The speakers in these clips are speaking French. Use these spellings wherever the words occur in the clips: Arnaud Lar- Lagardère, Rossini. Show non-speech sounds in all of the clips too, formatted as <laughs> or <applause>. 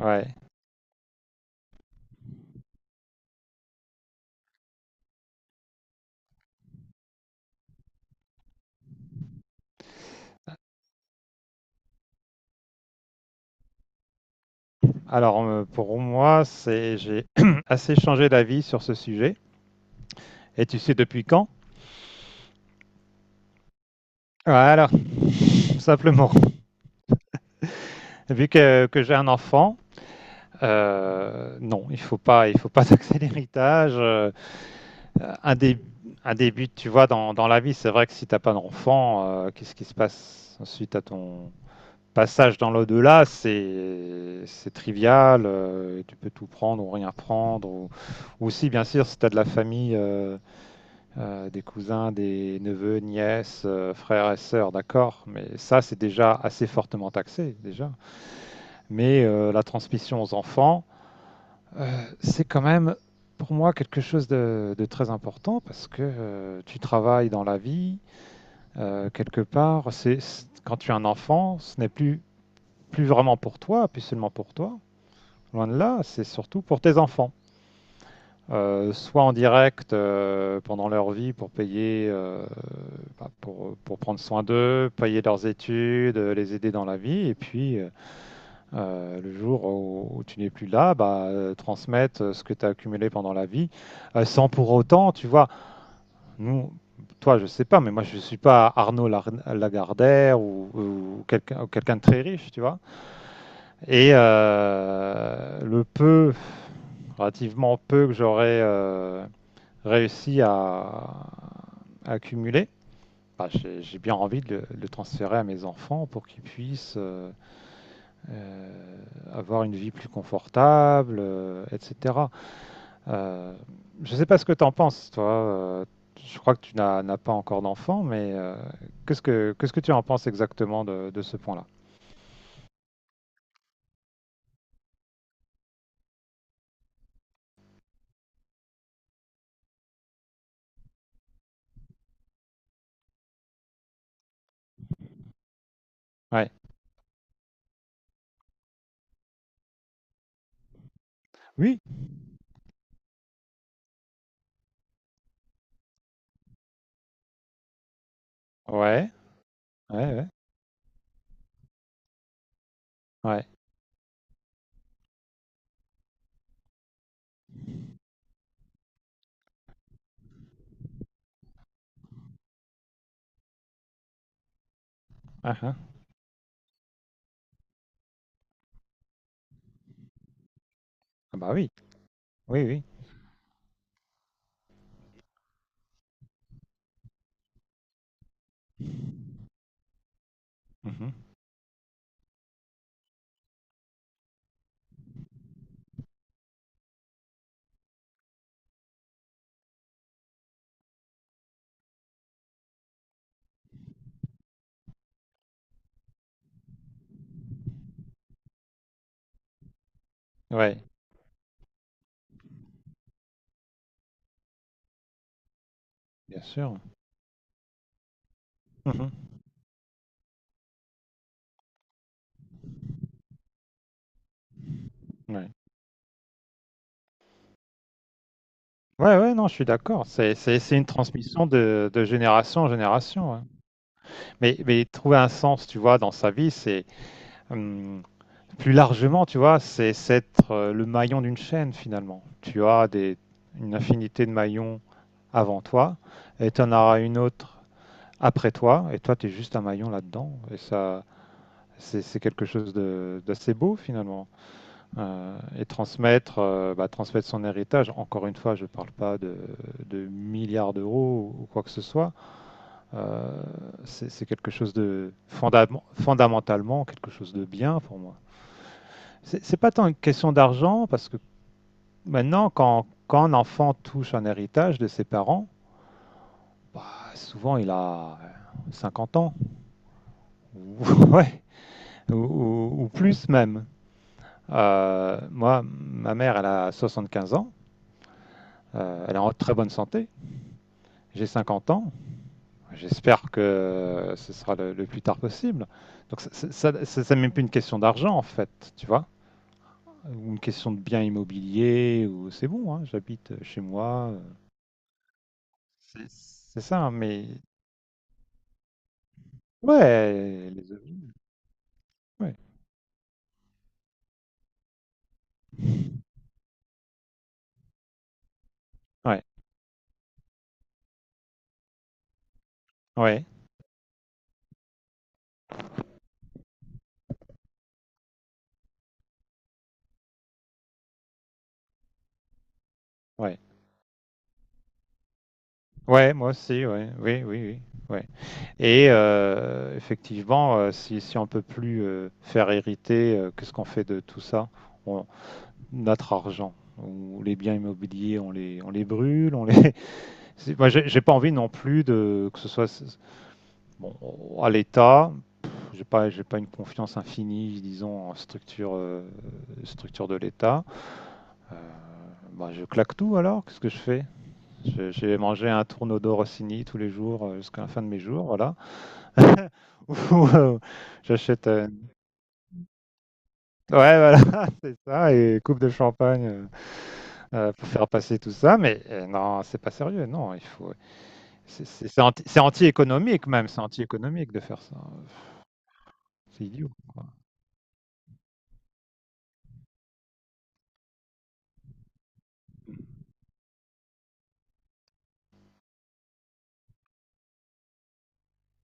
Ouais. Alors, pour moi, c'est j'ai <clears throat> assez changé d'avis sur ce sujet. Et tu sais depuis quand? Voilà, tout simplement. <laughs> Vu que j'ai un enfant, non, il faut pas <laughs> taxer l'héritage. Un dé- un début, tu vois, dans la vie, c'est vrai que si t'as pas d'enfant, qu'est-ce qui se passe ensuite à ton passage dans l'au-delà? C'est trivial. Tu peux tout prendre ou rien prendre. Ou aussi, bien sûr, si t'as de la famille. Des cousins, des neveux, nièces, frères et sœurs, d'accord, mais ça c'est déjà assez fortement taxé déjà. Mais la transmission aux enfants, euh, c'est quand même pour moi quelque chose de très important parce que tu travailles dans la vie quelque part. Quand tu as un enfant, ce n'est plus vraiment pour toi, plus seulement pour toi. Loin de là, c'est surtout pour tes enfants. Soit en direct pendant leur vie pour payer, bah, pour prendre soin d'eux, payer leurs études, les aider dans la vie, et puis le jour où tu n'es plus là, bah, transmettre ce que tu as accumulé pendant la vie, sans pour autant, tu vois, nous, toi, je sais pas, mais moi, je suis pas Lagardère ou, ou quelqu'un de très riche, tu vois, et le peu, relativement peu que j'aurais réussi à accumuler, bah, j'ai bien envie de le transférer à mes enfants pour qu'ils puissent euh, avoir une vie plus confortable, etc. Euh, je ne sais pas ce que tu en penses, toi. euh, je crois que tu n'as pas encore d'enfant, mais qu'est-ce que tu en penses exactement de ce point-là? Ouais. Oui. Ouais. Ouais. Ouais. Ouais. Ah, ah. Ah bah oui. Oui, oui. Mhm. Ouais. Bien sûr. Mhm. Ouais. Ouais, ouais, non, je suis d'accord. C'est une transmission de génération en génération, hein. Mais trouver un sens, tu vois, dans sa vie, c'est hum, plus largement, tu vois, c'est être le maillon d'une chaîne finalement. Tu as des, une infinité de maillons avant toi, et tu en auras une autre après toi, et toi, tu es juste un maillon là-dedans. Et ça, c'est d'assez beau finalement. Et transmettre, bah, transmettre son héritage. Encore une fois, je ne parle pas de, de milliards d'euros ou quoi que ce soit. Euh, c'est quelque chose de fondamentalement quelque chose de bien pour moi. C'est pas tant une question d'argent parce que maintenant, quand un enfant touche un héritage de ses parents, bah, souvent il a 50 ans <laughs> ou, ouais, ou plus même. Moi, ma mère, elle a 75 ans. Elle est en très bonne santé. J'ai 50 ans. J'espère que ce sera le plus tard possible. Donc, ça, même plus une question d'argent, en fait, tu vois, ou une question de bien immobilier, ou c'est bon, hein, j'habite chez moi. C'est ça, hein, mais ouais, les objets, ouais, ouais, ouais, ouais. Ouais, moi aussi, ouais, oui, oui, oui, ouais. Et effectivement, si, si on peut plus faire hériter, qu'est-ce qu'on fait de tout ça? Notre argent. On- les biens immobiliers, on les brûle. On les... <laughs> C'est- Moi, j'ai pas envie non plus de que ce soit bon à l'État. Pff, j'ai pas, j'ai pas une confiance infinie, disons, en structure, structure de l'État. Euh, Bah, je claque tout alors. Qu'est-ce que je fais? Je- j'ai mangé un tourneau d'or Rossini tous les jours jusqu'à la fin de mes jours, voilà. <laughs> Ou j'achète ouais, voilà, <laughs> c'est ça, et coupe de champagne pour faire passer tout ça, mais non, c'est pas sérieux, non, il faut. C'est anti, c'est anti-économique même, c'est anti-économique de faire ça. C'est idiot.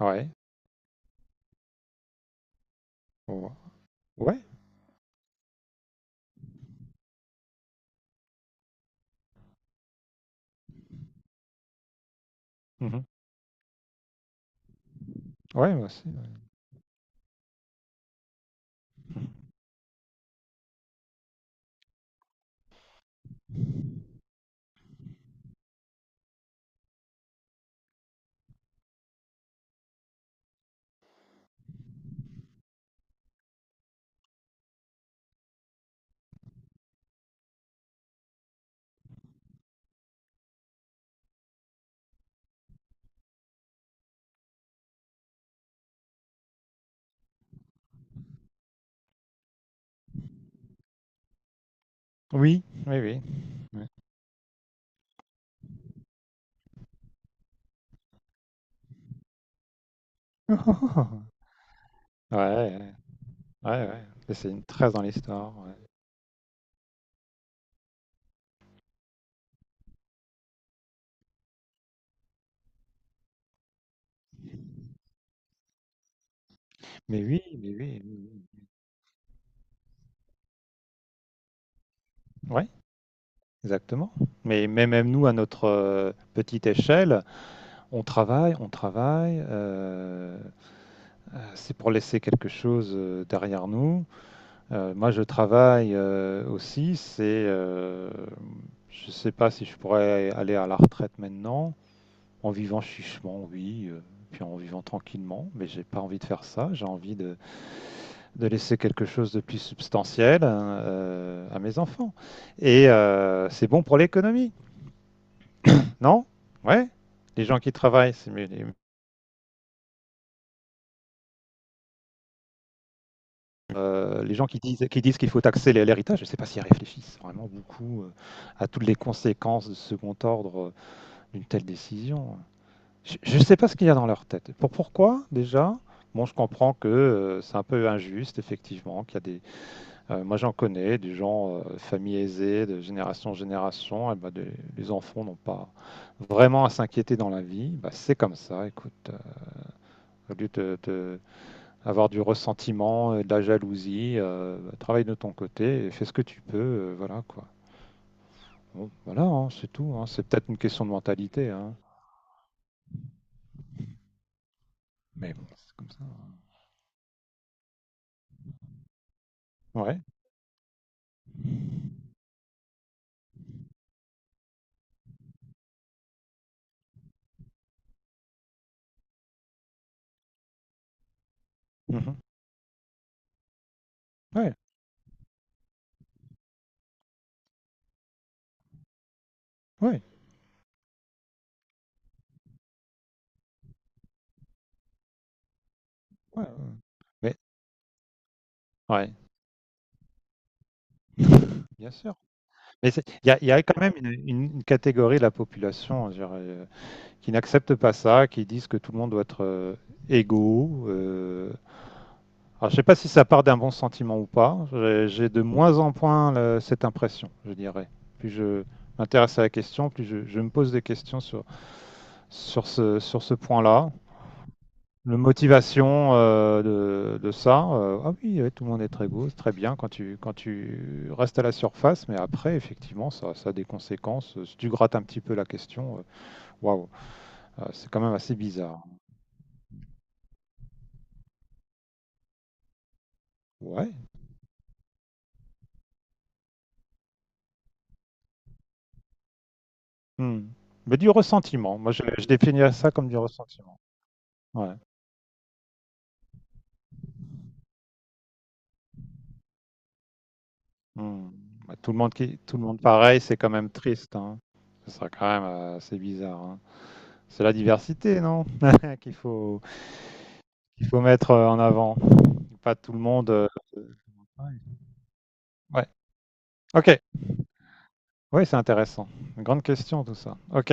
Ouais. Ouais. Ouais, mhm. Ouais, moi aussi, ouais. Oui, oui, oui. Ouais. <laughs> Ouais, ouais, ouais, ouais. Et c'est une trace dans l'histoire, ouais. Mais oui, oui, oui. Ouais, exactement. Mais même nous, à notre petite échelle, on travaille, on travaille. C'est pour laisser quelque chose derrière nous. Moi, je travaille aussi. C'est, je ne sais pas si je pourrais aller à la retraite maintenant, en vivant chichement, oui, puis en vivant tranquillement. Mais j'ai pas envie de faire ça. J'ai envie de laisser quelque chose de plus substantiel hein, à mes enfants. Et c'est bon pour l'économie, non? Ouais. Les gens qui travaillent, c'est mieux, les... Les gens qui disent qu'il faut taxer l'héritage, je ne sais pas s'ils réfléchissent vraiment beaucoup à toutes les conséquences de second ordre d'une telle décision. Je ne sais pas ce qu'il y a dans leur tête. Pourquoi déjà... Bon, je comprends que c'est un peu injuste, effectivement, qu'il y a des... Moi, j'en connais, des gens, familles aisées, de génération en génération, eh ben, des- les enfants n'ont pas vraiment à s'inquiéter dans la vie. Bah, c'est comme ça, écoute. Au lieu de- avoir du ressentiment, de la jalousie, travaille de ton côté et fais ce que tu peux, voilà quoi. Bon, voilà, hein, c'est tout, hein. C'est peut-être une question de mentalité, hein. Mais bon, c'est comme ça. Ouais. Mhm. Ouais. Ouais. Ouais, ouais. Mais ouais. <laughs> Bien sûr. Mais c'est- il y a quand même une catégorie de la population hein, je dirais, qui n'accepte pas ça, qui disent que tout le monde doit être égaux, euh... Alors, je sais pas si ça part d'un bon sentiment ou pas. J'ai de moins en moins le- cette impression, je dirais. Plus je m'intéresse à la question, plus je me pose des questions sur, sur ce point-là. La motivation de ça, ah oui, ouais, tout le monde est très beau, c'est très bien quand tu restes à la surface, mais après, effectivement, ça a des conséquences. Si tu grattes un petit peu la question, waouh, c'est quand même assez bizarre. Ouais. Hmm. Mais du ressentiment, moi je définirais ça comme du ressentiment. Ouais. Mmh. Bah, tout le monde qui tout le monde pareil, c'est quand même triste, hein. Ce serait quand même assez bizarre, hein. C'est la diversité, non? <laughs> Qu'il faut qu'il faut mettre en avant. Pas tout le monde, euh... Ouais. Ok. Oui, c'est intéressant. Grande question tout ça. Ok.